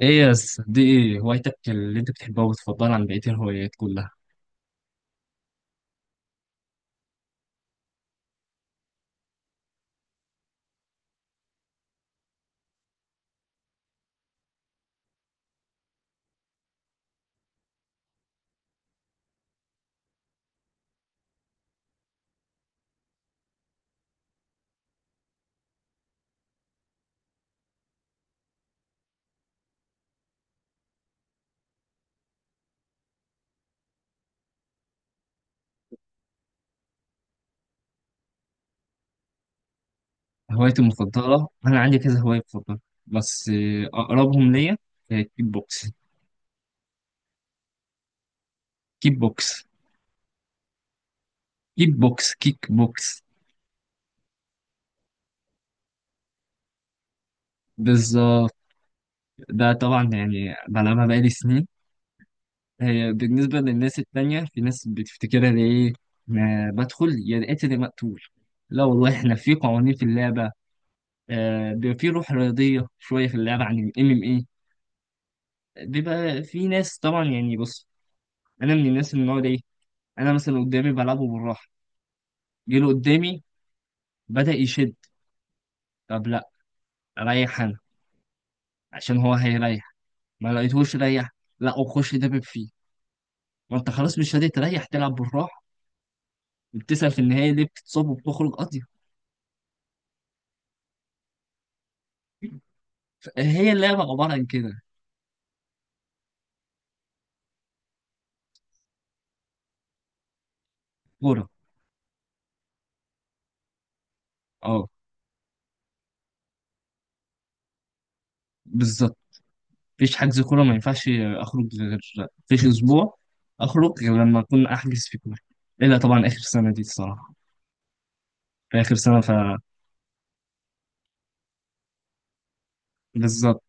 ايه يا دي ايه هوايتك اللي انت بتحبها وبتفضلها عن بقية الهوايات كلها؟ هوايتي المفضلة انا عندي كذا هواية بفضلها، بس اقربهم ليا كيك بوكس. كيك بوكس كيك بوكس بالظبط. ده طبعا يعني بلعبها بقالي سنين. هي بالنسبة للناس التانية في ناس بتفتكرها ده ايه، ما بدخل يا القاتل يا مقتول. لا والله احنا في قوانين في اللعبة، بيبقى في روح رياضية شوية في اللعبة عن الام ام ايه. بيبقى في ناس طبعا يعني بص، انا من الناس اللي هو ايه، انا مثلا قدامي بلعبه بالراحه، جه له قدامي بدأ يشد، طب لا ريح انا عشان هو هيريح. ما لقيتهوش ريح، لا وخش دبب فيه. ما انت خلاص مش راضي تريح تلعب بالراحه وبتسأل في النهايه ليه بتتصاب وبتخرج قضية؟ هي اللعبه عباره عن كده. كوره، اه بالظبط. مفيش حجز كوره ما ينفعش، اخرج غير، مفيش اسبوع اخرج غير لما اكون احجز في كوره. الا طبعا اخر سنه دي الصراحه، في اخر سنه ف بالظبط.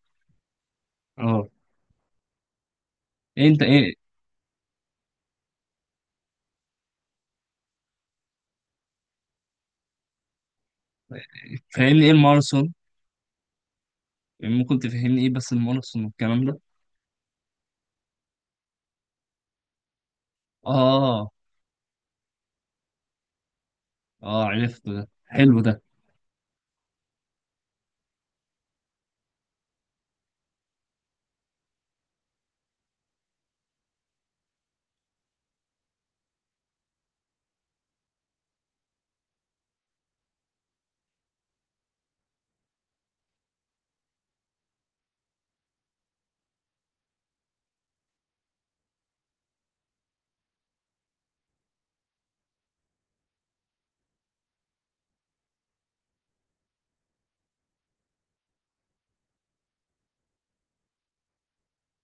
اه، إيه انت ايه؟ فاهمني ايه الماراثون؟ يعني ممكن تفهمني ايه بس المونوسون والكلام ده؟ اه، اه عرفته ده، حلو ده.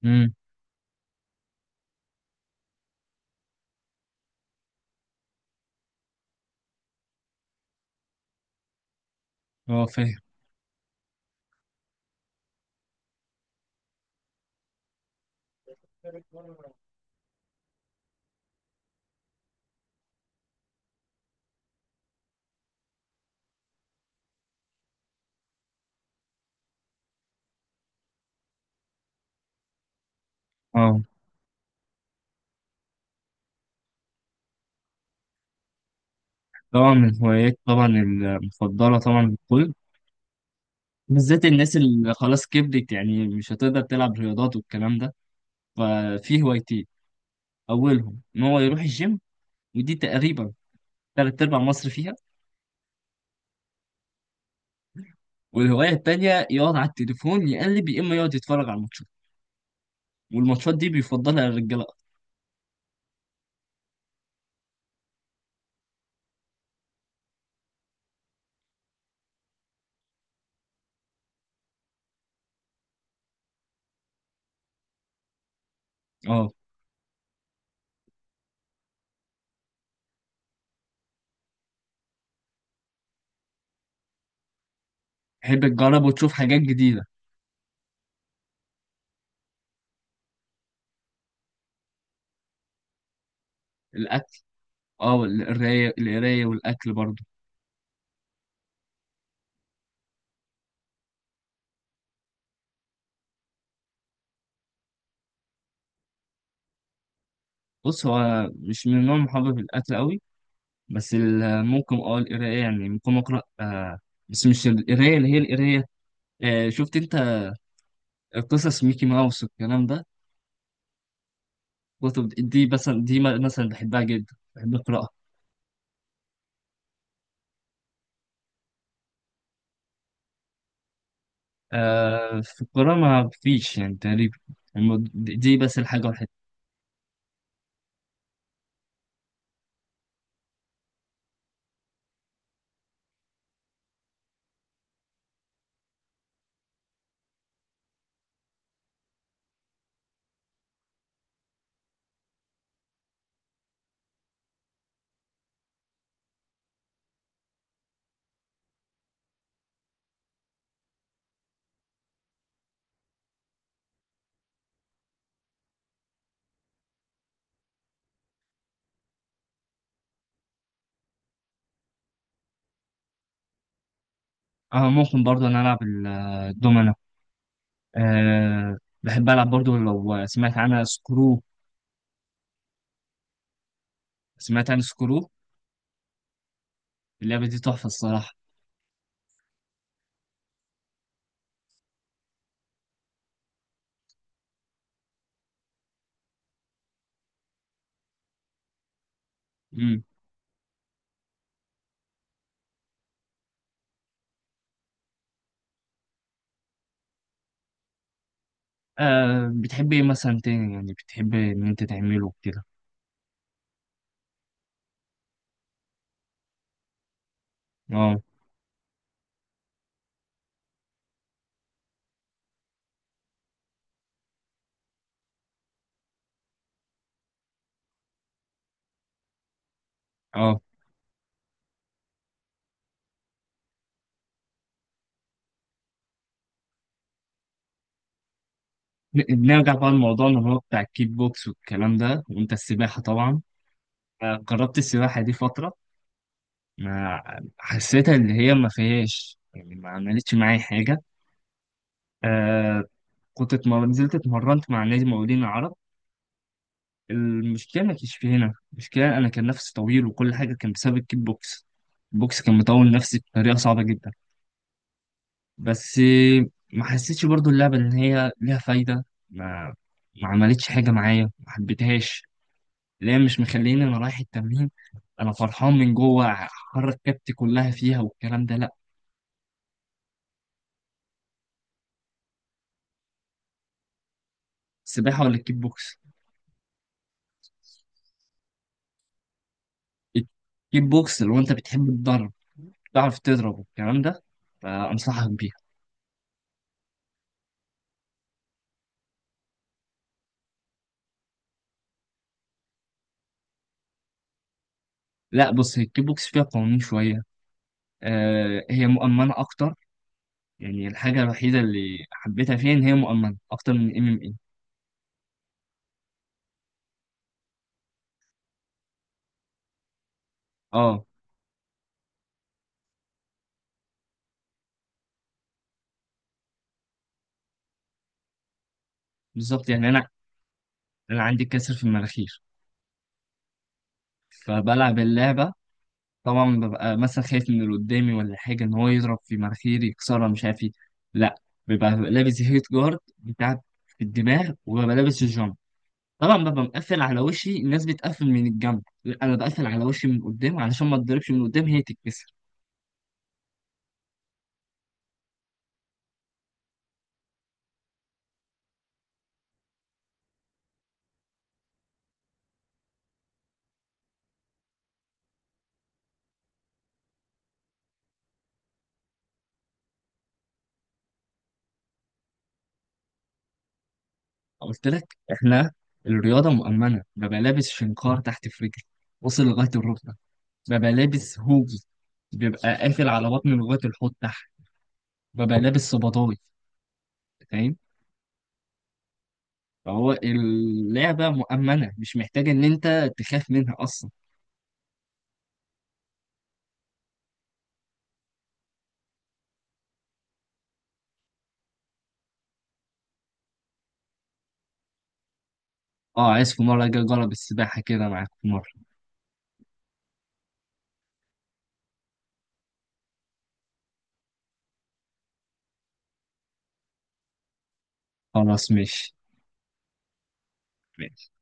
امم، اه فاهم. اه طبعا من هوايات طبعا المفضلة طبعا للكل، بالذات الناس اللي خلاص كبرت يعني مش هتقدر تلعب رياضات والكلام ده. ففي هوايتين، أولهم إن هو يروح الجيم، ودي تقريبا تلات أرباع مصر فيها. والهواية التانية يقعد على التليفون يقلب، يا إما يقعد يتفرج على الماتشات، والماتشات دي بيفضلها الرجالة أكتر. اه، تحب تجرب وتشوف حاجات جديدة. الأكل، اه القراية والأكل برضه. بص هو مش من النوع المحبب في الأكل أوي، بس ممكن اه القراية، يعني ممكن أقرأ آه، بس مش القراية اللي هي القراية. آه شفت أنت قصص ميكي ماوس والكلام ده، كتب دي مثلا، دي مثلا بحبها جدا، بحب أقرأها. آه في القراءة ما فيش يعني تقريبا، دي بس الحاجة الوحيدة. اه ممكن برضه أنا ألعب الدومنة. آه بحب ألعب برضه، لو سمعت عنها سكرو، سمعت عن سكرو؟ اللعبة دي تحفة الصراحة. امم، آه بتحب ايه مثلا تاني يعني بتحب ان انت تعمله كده؟ اه، اه نرجع بقى لموضوعنا اللي هو بتاع الكيك بوكس والكلام ده، وانت السباحة طبعا. آه جربت السباحة دي فترة، ما حسيتها اللي هي ما فيهاش، يعني ما عملتش معايا حاجة. آه كنت نزلت اتمرنت مع نادي مقاولين العرب. المشكلة ما كانش في هنا، المشكلة أنا كان نفسي طويل وكل حاجة كان بسبب الكيك بوكس. البوكس كان مطول نفسي بطريقة صعبة جدا، بس ما حسيتش برضو اللعبة إن هي ليها فايدة. ما ما عملتش حاجة معايا، ما حبيتهاش. لا مش مخليني أنا رايح التمرين أنا فرحان من جوه، حرك كبتي كلها فيها والكلام ده، لأ. السباحة ولا الكيك بوكس؟ الكيك بوكس لو أنت بتحب الضرب، تعرف تضرب والكلام ده، فأنصحك بيها. لأ بص هي الكيك بوكس فيها قوانين شوية، آه هي مؤمنة أكتر. يعني الحاجة الوحيدة اللي حبيتها فيها إن هي مؤمنة أكتر من ام ام اي. اه بالظبط، يعني انا عندي كسر في المناخير، فبلعب اللعبه طبعا ببقى مثلا خايف من اللي قدامي ولا حاجه ان هو يضرب في مناخيري يكسرها مش عارف ايه. لا، بيبقى لابس هيت جارد بتاع في الدماغ، وببقى لابس الجامب. طبعا ببقى مقفل على وشي، الناس بتقفل من الجنب، انا بقفل على وشي من قدام علشان ما اتضربش من قدام هي تتكسر. قلت لك احنا الرياضه مؤمنه، ببقى لابس شنكار تحت في رجلي وصل لغايه الركبه، ببقى لابس هوجي بيبقى قافل على بطني لغايه الحوض تحت، ببقى لابس صباطاي، فاهم؟ فهو اللعبة مؤمنة مش محتاج إن أنت تخاف منها أصلا. أه عايز في مرة أجي أجرب السباحة كده معاك في مرة. خلاص ماشي. ماشي.